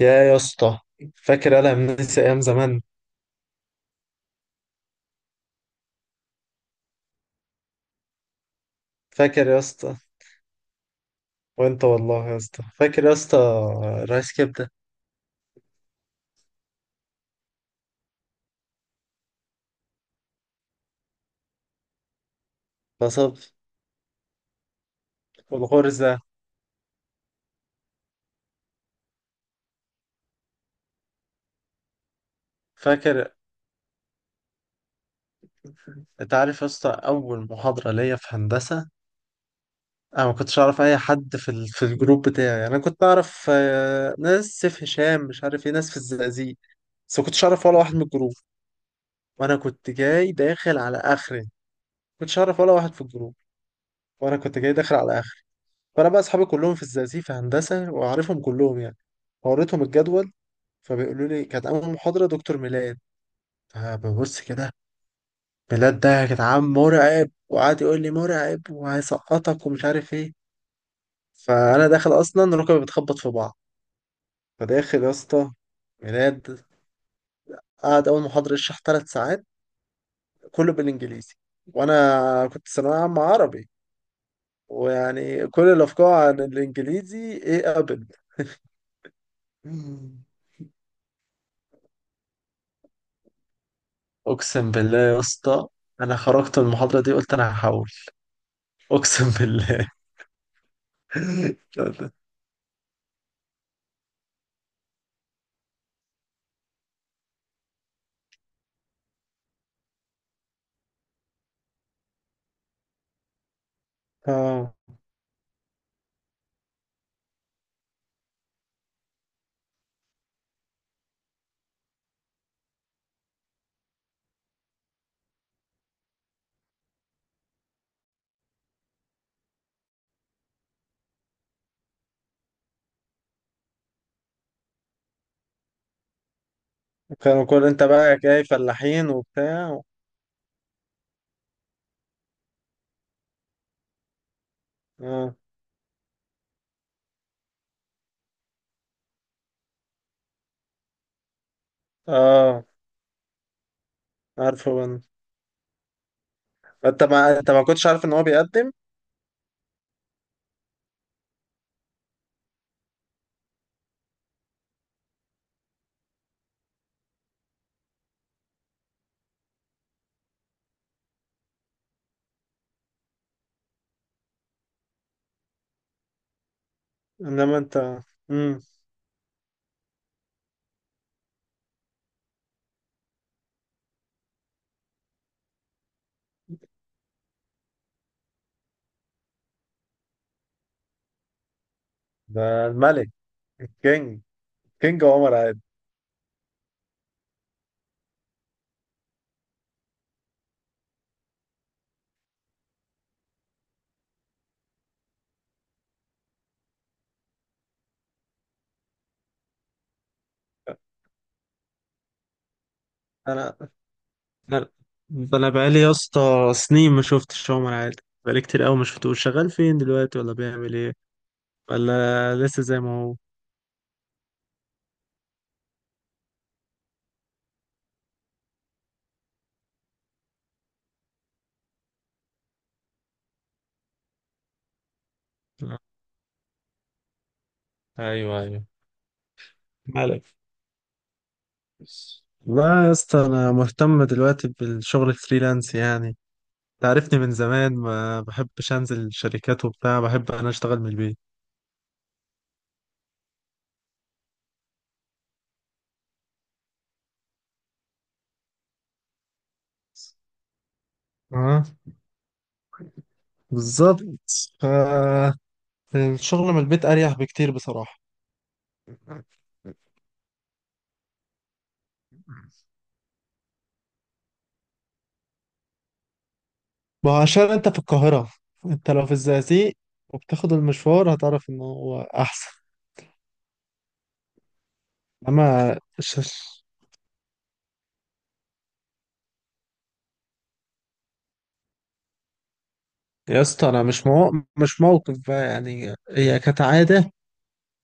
يا اسطى، فاكر انا منسي ايام زمان؟ فاكر يا اسطى؟ وانت والله يا اسطى، فاكر يا اسطى؟ رايس كبده. بصب. والغرزه. فاكر؟ انت عارف يا اسطى، اول محاضره ليا في هندسه، انا ما كنتش اعرف اي حد في الجروب بتاعي. انا كنت اعرف ناس سيف هشام مش عارف ايه، ناس في الزقازيق. بس ما كنتش اعرف ولا واحد من الجروب، وانا كنت جاي داخل على اخري. ما كنتش اعرف ولا واحد في الجروب، وانا كنت جاي داخل على اخري. فانا بقى اصحابي كلهم في الزقازيق في هندسه، واعرفهم كلهم يعني. فوريتهم الجدول، فبيقولوا لي كانت اول محاضره دكتور ميلاد. فببص كده، ميلاد ده يا جدعان مرعب، وقعد يقول لي مرعب وهيسقطك ومش عارف ايه. فانا داخل اصلا ركبي بتخبط في بعض. فداخل يا اسطى ميلاد، قعد اول محاضره يشرح ثلاث ساعات، كله بالانجليزي. وانا كنت ثانويه عامه عربي، ويعني كل الافكار عن الانجليزي ايه؟ ابدا. اقسم بالله يا اسطى، انا خرجت من المحاضره دي قلت انا هحول. اقسم بالله. اه. كانوا كل انت بقى جاي فلاحين وبتاع. اه. اه، عارفه انا. انت ما كنتش عارف ان هو بيقدم. انما انت. امم ده الملك، الكينج. كينج عمر عادل. انا انا انا بقالي يا اسطى سنين ما شفتش عمر عادل، بقالي كتير قوي ما شفتوش. شغال فين دلوقتي؟ ولا بيعمل ايه؟ ولا لسه زي ما هو؟ آه. ايوه، ايوه. مالك؟ لا يا اسطى، انا مهتم دلوقتي بالشغل الفريلانس يعني. تعرفني من زمان، ما بحبش انزل شركات وبتاع، بحب انا اشتغل من البيت. اه، بالظبط. ف الشغل من البيت اريح بكتير بصراحة. ما هو عشان انت في القاهرة، انت لو في الزقازيق وبتاخد المشوار هتعرف انه هو احسن. اما ش- يا اسطى انا مش موقف بقى يعني، هي كانت عادة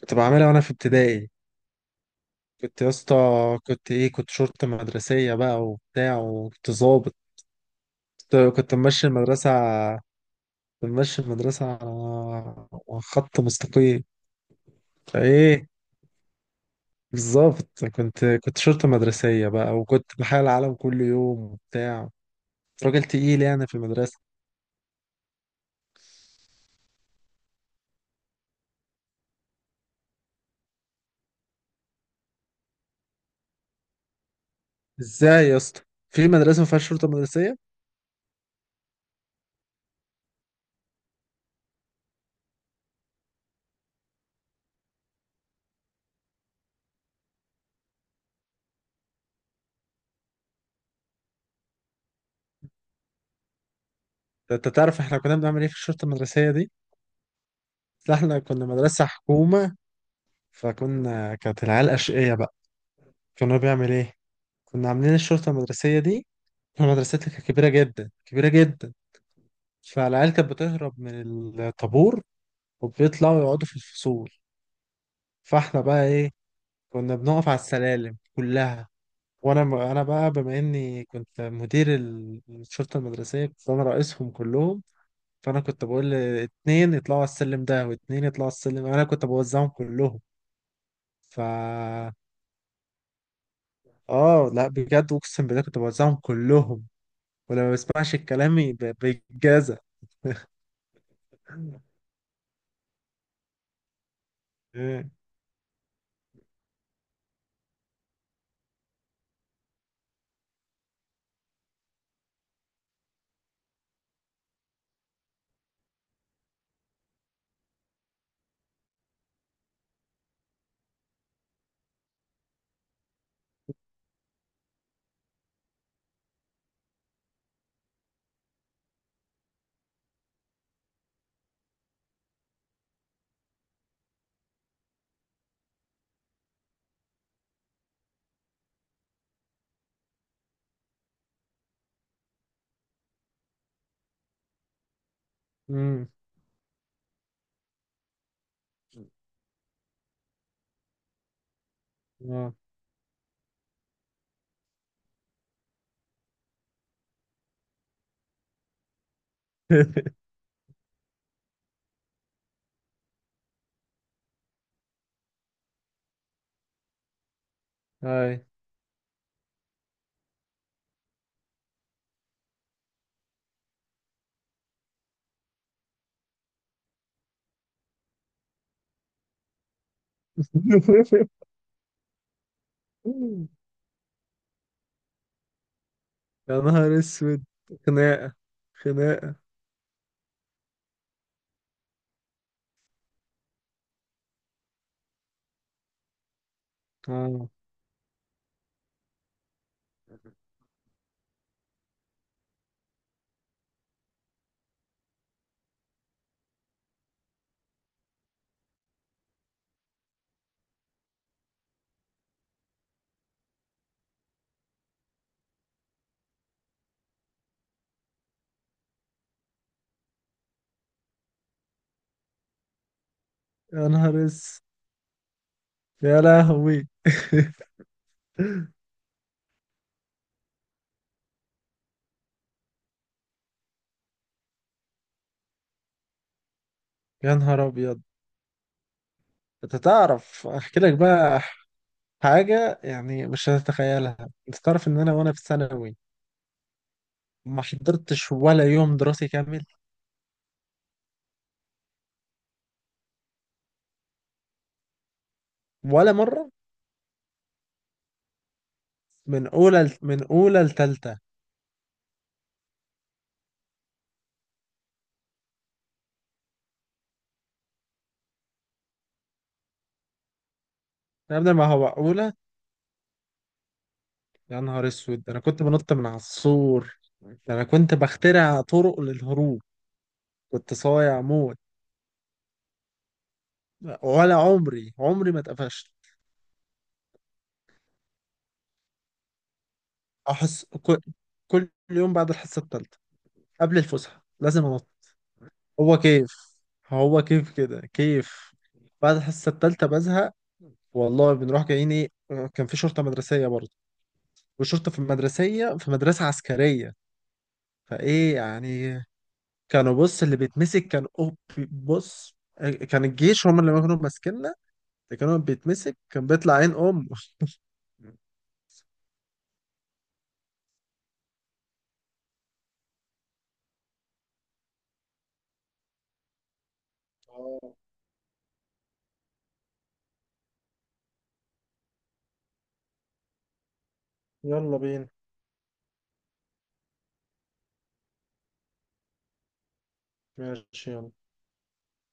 كنت بعملها وانا في ابتدائي. كنت يا اسطى، كنت شرطة مدرسية بقى وبتاع وكنت ظابط. كنت ماشي المدرسة، كنت ماشي المدرسة على خط مستقيم. فايه؟ بالظبط، كنت شرطة مدرسية بقى، وكنت بحال العالم كل يوم وبتاع. كنت راجل تقيل يعني في المدرسة. ازاي يا اسطى في مدرسة ما فيهاش شرطة مدرسية؟ ده انت تعرف احنا كنا بنعمل ايه في الشرطة المدرسية دي؟ لا، احنا كنا مدرسة حكومة، فكنا كانت العيال أشقية بقى. كنا بيعمل ايه؟ كنا عاملين الشرطة المدرسية دي، مدرستي كانت كبيرة جدا كبيرة جدا. فالعيال كانت بتهرب من الطابور وبيطلعوا يقعدوا في الفصول. فاحنا بقى ايه؟ كنا بنقف على السلالم كلها. وانا بقى بما اني كنت مدير الشرطة المدرسية، كنت انا رئيسهم كلهم. فانا كنت بقول اتنين يطلعوا على السلم ده واتنين يطلعوا على السلم، انا كنت بوزعهم كلهم. ف اه لا، بجد اقسم بالله كنت بوزعهم كلهم، ولما بسمعش كلامي بيتجازى. ايه؟ امم. اه. هاي. يا نهار اسود. خناقة، خناقة. اه. يا نهار اسود. يا لهوي. يا نهار ابيض. انت تعرف احكي لك بقى حاجة يعني مش هتتخيلها. انت تعرف ان انا وانا في ثانوي ما حضرتش ولا يوم دراسي كامل؟ ولا مرة. من اولى لتالتة. يا ابني ما هو اولى. يا نهار اسود، ده انا كنت بنط من على السور، ده انا كنت بخترع طرق للهروب. كنت صايع موت. ولا عمري ما اتقفشت. احس كل كل يوم بعد الحصه الثالثه قبل الفسحه لازم انط. هو كيف هو كيف كده كيف. بعد الحصه الثالثه بزهق، والله بنروح جايين ايه. كان في شرطه مدرسيه برضه، والشرطه في المدرسيه في مدرسه عسكريه. فايه يعني؟ كانوا بص، اللي بيتمسك كان اوب. بص، كان الجيش هم اللي كانوا ماسكيننا. اللي كانوا بيتمسك كان بيطلع عين امه. آه. يلا بينا. ماشي، يلا.